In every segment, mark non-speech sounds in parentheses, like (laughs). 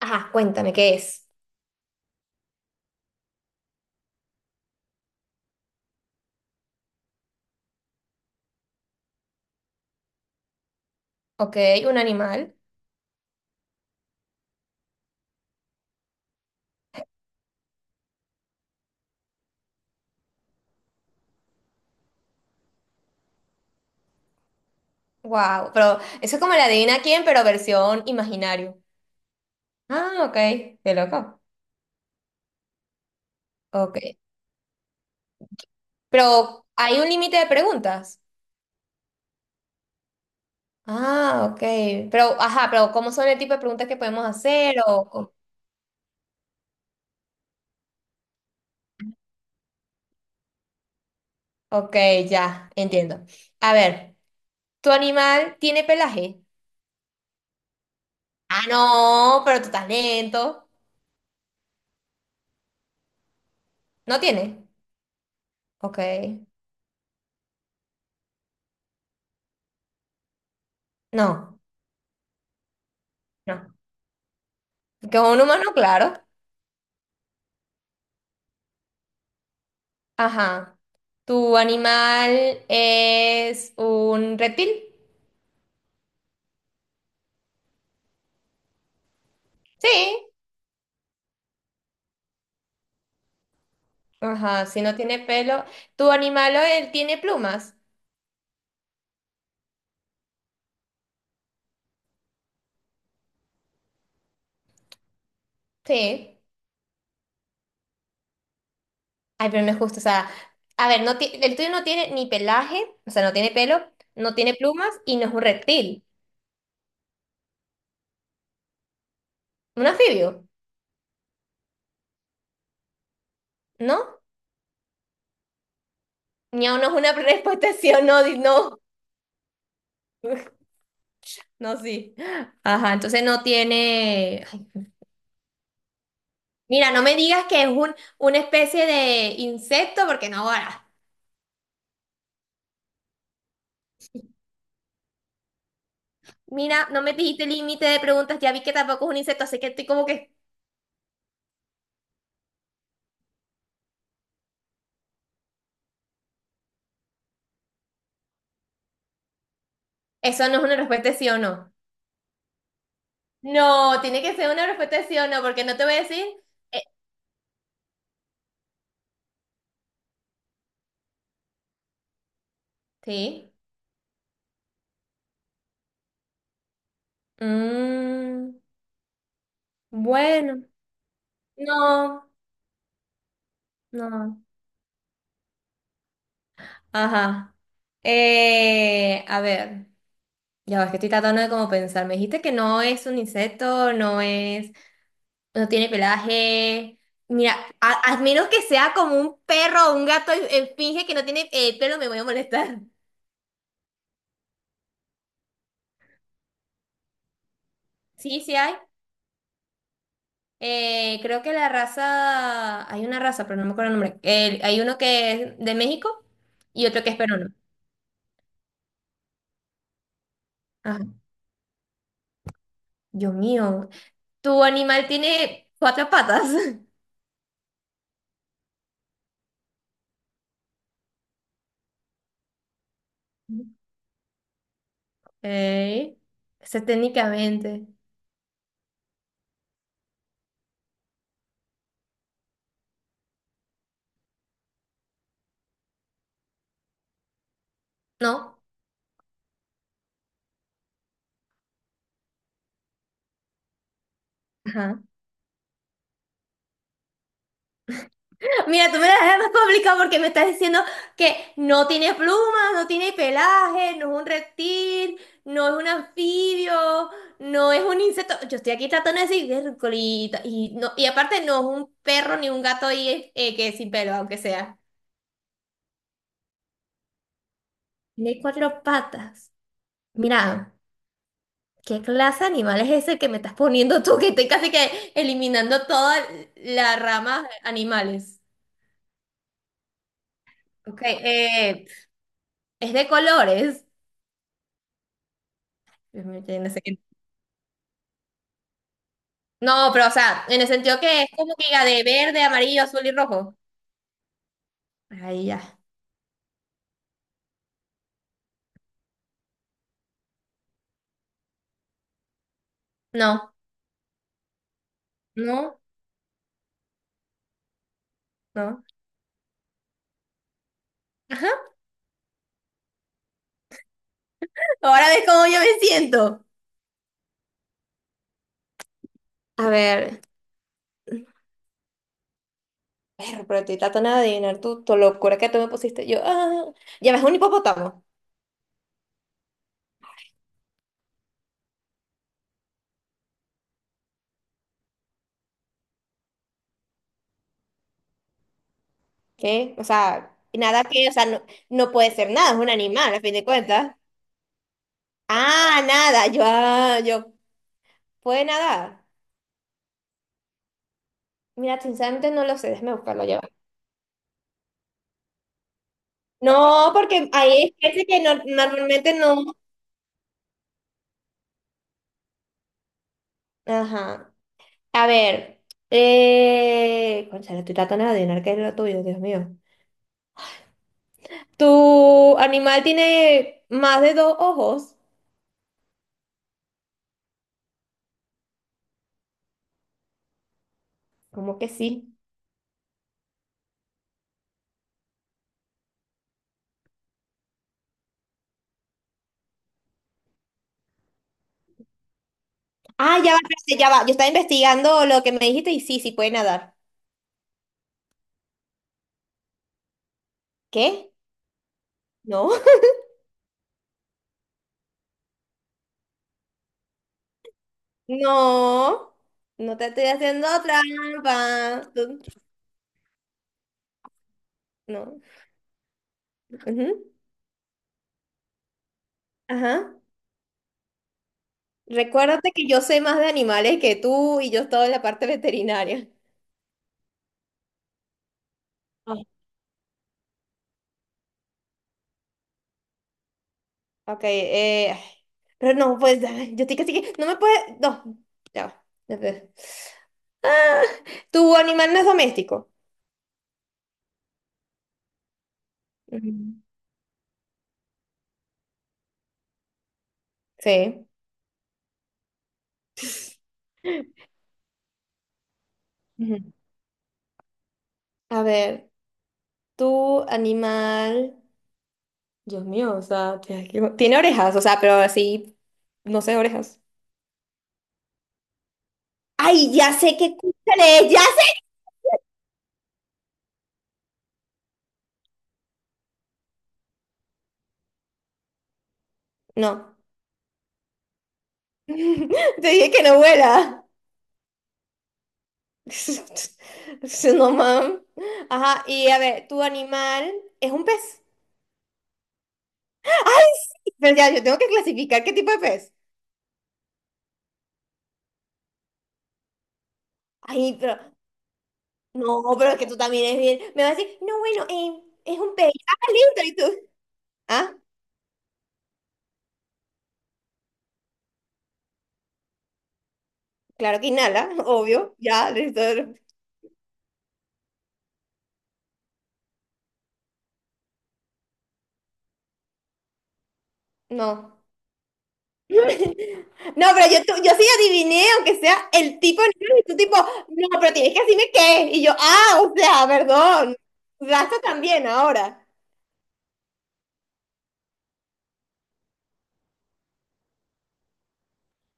Ajá, cuéntame, ¿qué es? Ok, un animal. Wow, pero eso es como la adivina quién, pero versión imaginario. Ah, ok, qué loco. Ok. Pero hay un límite de preguntas. Ah, ok. Pero, ajá, pero ¿cómo son el tipo de preguntas que podemos hacer? Ok, ya, entiendo. A ver, ¿tu animal tiene pelaje? Ah, no, pero tu talento. ¿No tiene? Ok. No, no. Que es un humano, claro. Ajá. ¿Tu animal es un reptil? Sí. Ajá, si no tiene pelo. ¿Tu animal o él tiene plumas? Sí. Ay, pero no es justo. O sea, a ver, el tuyo no tiene ni pelaje, o sea, no tiene pelo, no tiene plumas y no es un reptil. Un anfibio, ¿no? No, no es una (laughs) respuesta sí o no, no. (laughs) No, sí. Ajá, entonces no tiene. Ay, mira, no me digas que es una especie de insecto, porque no, ahora. Mira, no me dijiste límite de preguntas, ya vi que tampoco es un insecto, así que estoy como que eso no es una respuesta de sí o no. No, tiene que ser una respuesta de sí o no, porque no te voy a decir. eh, sí. Mm, bueno. No, no. Ajá. A ver, ya ves que estoy tratando de como pensar. Me dijiste que no es un insecto, no es, no tiene pelaje. Mira, a menos que sea como un perro o un gato y, finge que no tiene pelo, me voy a molestar. Sí, sí hay. Creo que la raza, hay una raza, pero no me acuerdo el nombre. Hay uno que es de México y otro que es peruano. Ajá. Dios mío, tu animal tiene cuatro patas. (laughs) Ok. Ese técnicamente. No. Ajá. Mira, tú me la dejas más complicado porque me estás diciendo que no tiene plumas, no tiene pelaje, no es un reptil, no es un anfibio, no es un insecto. Yo estoy aquí tratando de decir, "Vércolita", y, no, y aparte no es un perro ni un gato ahí, que es sin pelo, aunque sea. Tiene cuatro patas. Mira, ¿qué clase de animal es ese que me estás poniendo tú? Que estoy casi que eliminando toda la rama animales. Ok, es de colores. No sé. No, pero o sea, en el sentido que es como que diga de verde, amarillo, azul y rojo. Ahí ya. No, no, no. Ajá. Ahora ves cómo yo me siento. A ver, perro, pero estoy tratando de adivinar tu locura que tú me pusiste. Yo, ya ves un hipopótamo. ¿Qué? O sea, nada que, o sea, no, no puede ser nada, es un animal, a fin de cuentas. Ah, nada, yo, puede nadar. Mira, sinceramente no lo sé, déjame buscarlo ya. Va. No, porque ahí es que no, normalmente no. Ajá. A ver, cónchale, estoy tratando de adivinar qué es lo tuyo, Dios mío. ¿Tu animal tiene más de dos ojos? ¿Cómo que sí? Ah, ya va, espérate, ya va. Yo estaba investigando lo que me dijiste y sí, sí puede nadar. ¿Qué? No. (laughs) No. No te estoy haciendo trampa. Tú- No. Ujú. Ajá. Recuérdate que yo sé más de animales que tú y yo estoy en la parte veterinaria. Ok, ay, pero no, pues, ay, yo estoy casi que sí, no me puede, no, ya va. Ah, ¿tu animal no es doméstico? Ujú. Sí. Ujú. A ver, tu animal, Dios mío, o sea, tiene orejas, o sea, pero así, no sé, orejas. Ay, ya sé que escúchale, ya sé. No, (laughs) te dije que no vuela. (laughs) No, mam. Ajá, y a ver, ¿tu animal es un pez? Pero ya, yo tengo que clasificar qué tipo de pez. Ay, pero, no, pero es que tú también es bien. Me vas a decir, no, bueno, es un pez. Ah, listo, y tú. Ah, claro que inhala, obvio. Ya, listo. No. (laughs) No, pero yo, yo sí adiviné, aunque sea el tipo de animal, y tú tipo, no, pero tienes que decirme qué. Y yo, o sea, perdón. Raza también ahora.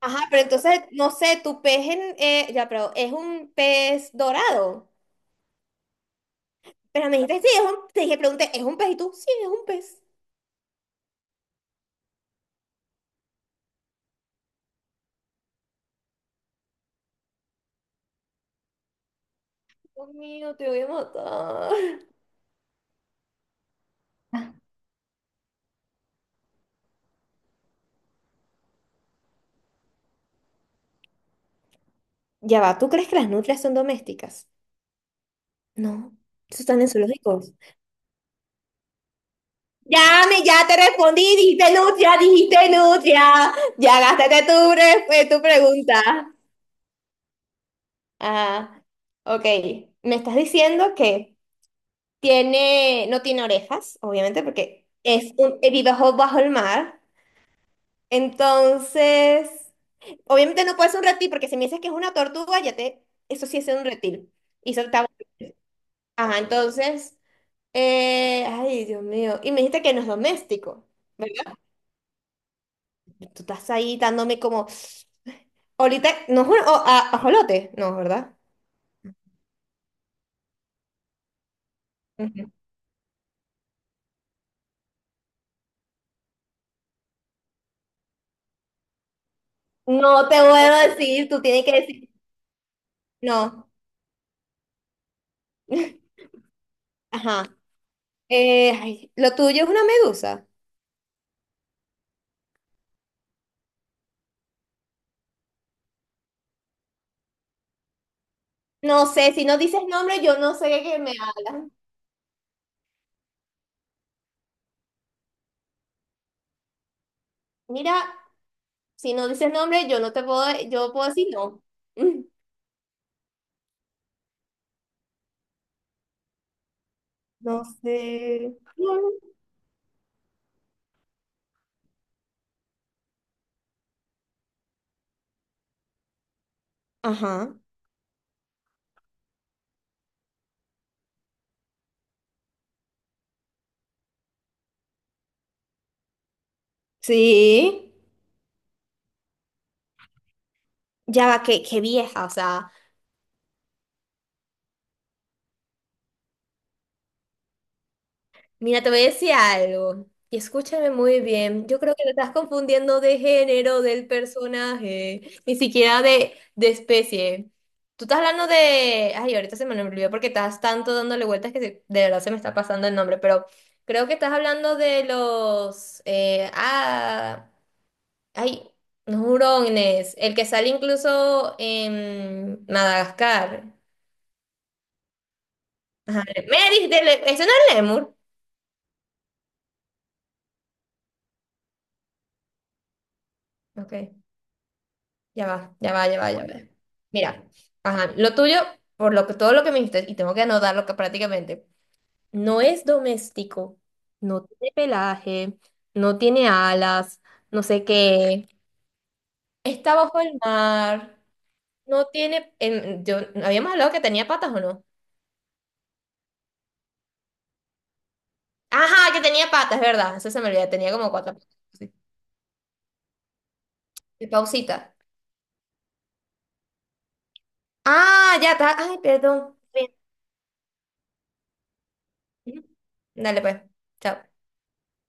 Ajá, pero entonces, no sé, tu pez en, ya, pero es un pez dorado. Pero me dijiste, sí, es un, te dije, pregunté, ¿es un pez? Y tú, sí, es un pez. Dios mío, te voy a matar. Ya va, ¿tú crees que las nutrias son domésticas? No, eso están en zoológicos. Ya, me, ya te respondí, dijiste nutria, dijiste nutria. Ya gastaste tu pregunta. Ah, ok. Me estás diciendo que no tiene orejas, obviamente, porque es vive bajo el mar. Entonces. Obviamente no puede ser un reptil, porque si me dices que es una tortuga, ya te, eso sí es un reptil. Y eso está, ajá, entonces, ay, Dios mío, y me dijiste que no es doméstico, ¿verdad? Tú estás ahí dándome como, ahorita, no es un ajolote, no, ¿verdad? Ujú. No te voy a decir, tú tienes que decir, no, (laughs) ajá, ay, lo tuyo es una medusa. No sé, si no dices nombre, yo no sé de qué me hablas. Mira, si no dices nombre, yo no te puedo, yo puedo decir no. Mm. No sé. Ajá. Sí. Ya va, qué vieja, o sea, mira, te voy a decir algo y escúchame muy bien. Yo creo que te estás confundiendo de género del personaje, ni siquiera de especie. Tú estás hablando de. Ay, ahorita se me olvidó porque estás tanto dándole vueltas que de verdad se me está pasando el nombre, pero creo que estás hablando de los Ay, hurones. El que sale incluso en Madagascar. Ajá. Me dijiste, ¿ese no es Lemur? Ok, ya va, ya va, ya va, ya va. Mira, ajá, lo tuyo, por lo que, todo lo que me dijiste, y tengo que anotarlo que prácticamente, no es doméstico, no tiene pelaje, no tiene alas, no sé qué, está bajo el mar, no tiene, habíamos hablado que tenía patas, ¿o no? Ajá, que tenía patas, ¿verdad? Eso se me olvidó, tenía como cuatro patas. Sí. Y pausita. Ah, ya está. Ay, perdón. Bien. Ujú. Dale pues. Chao.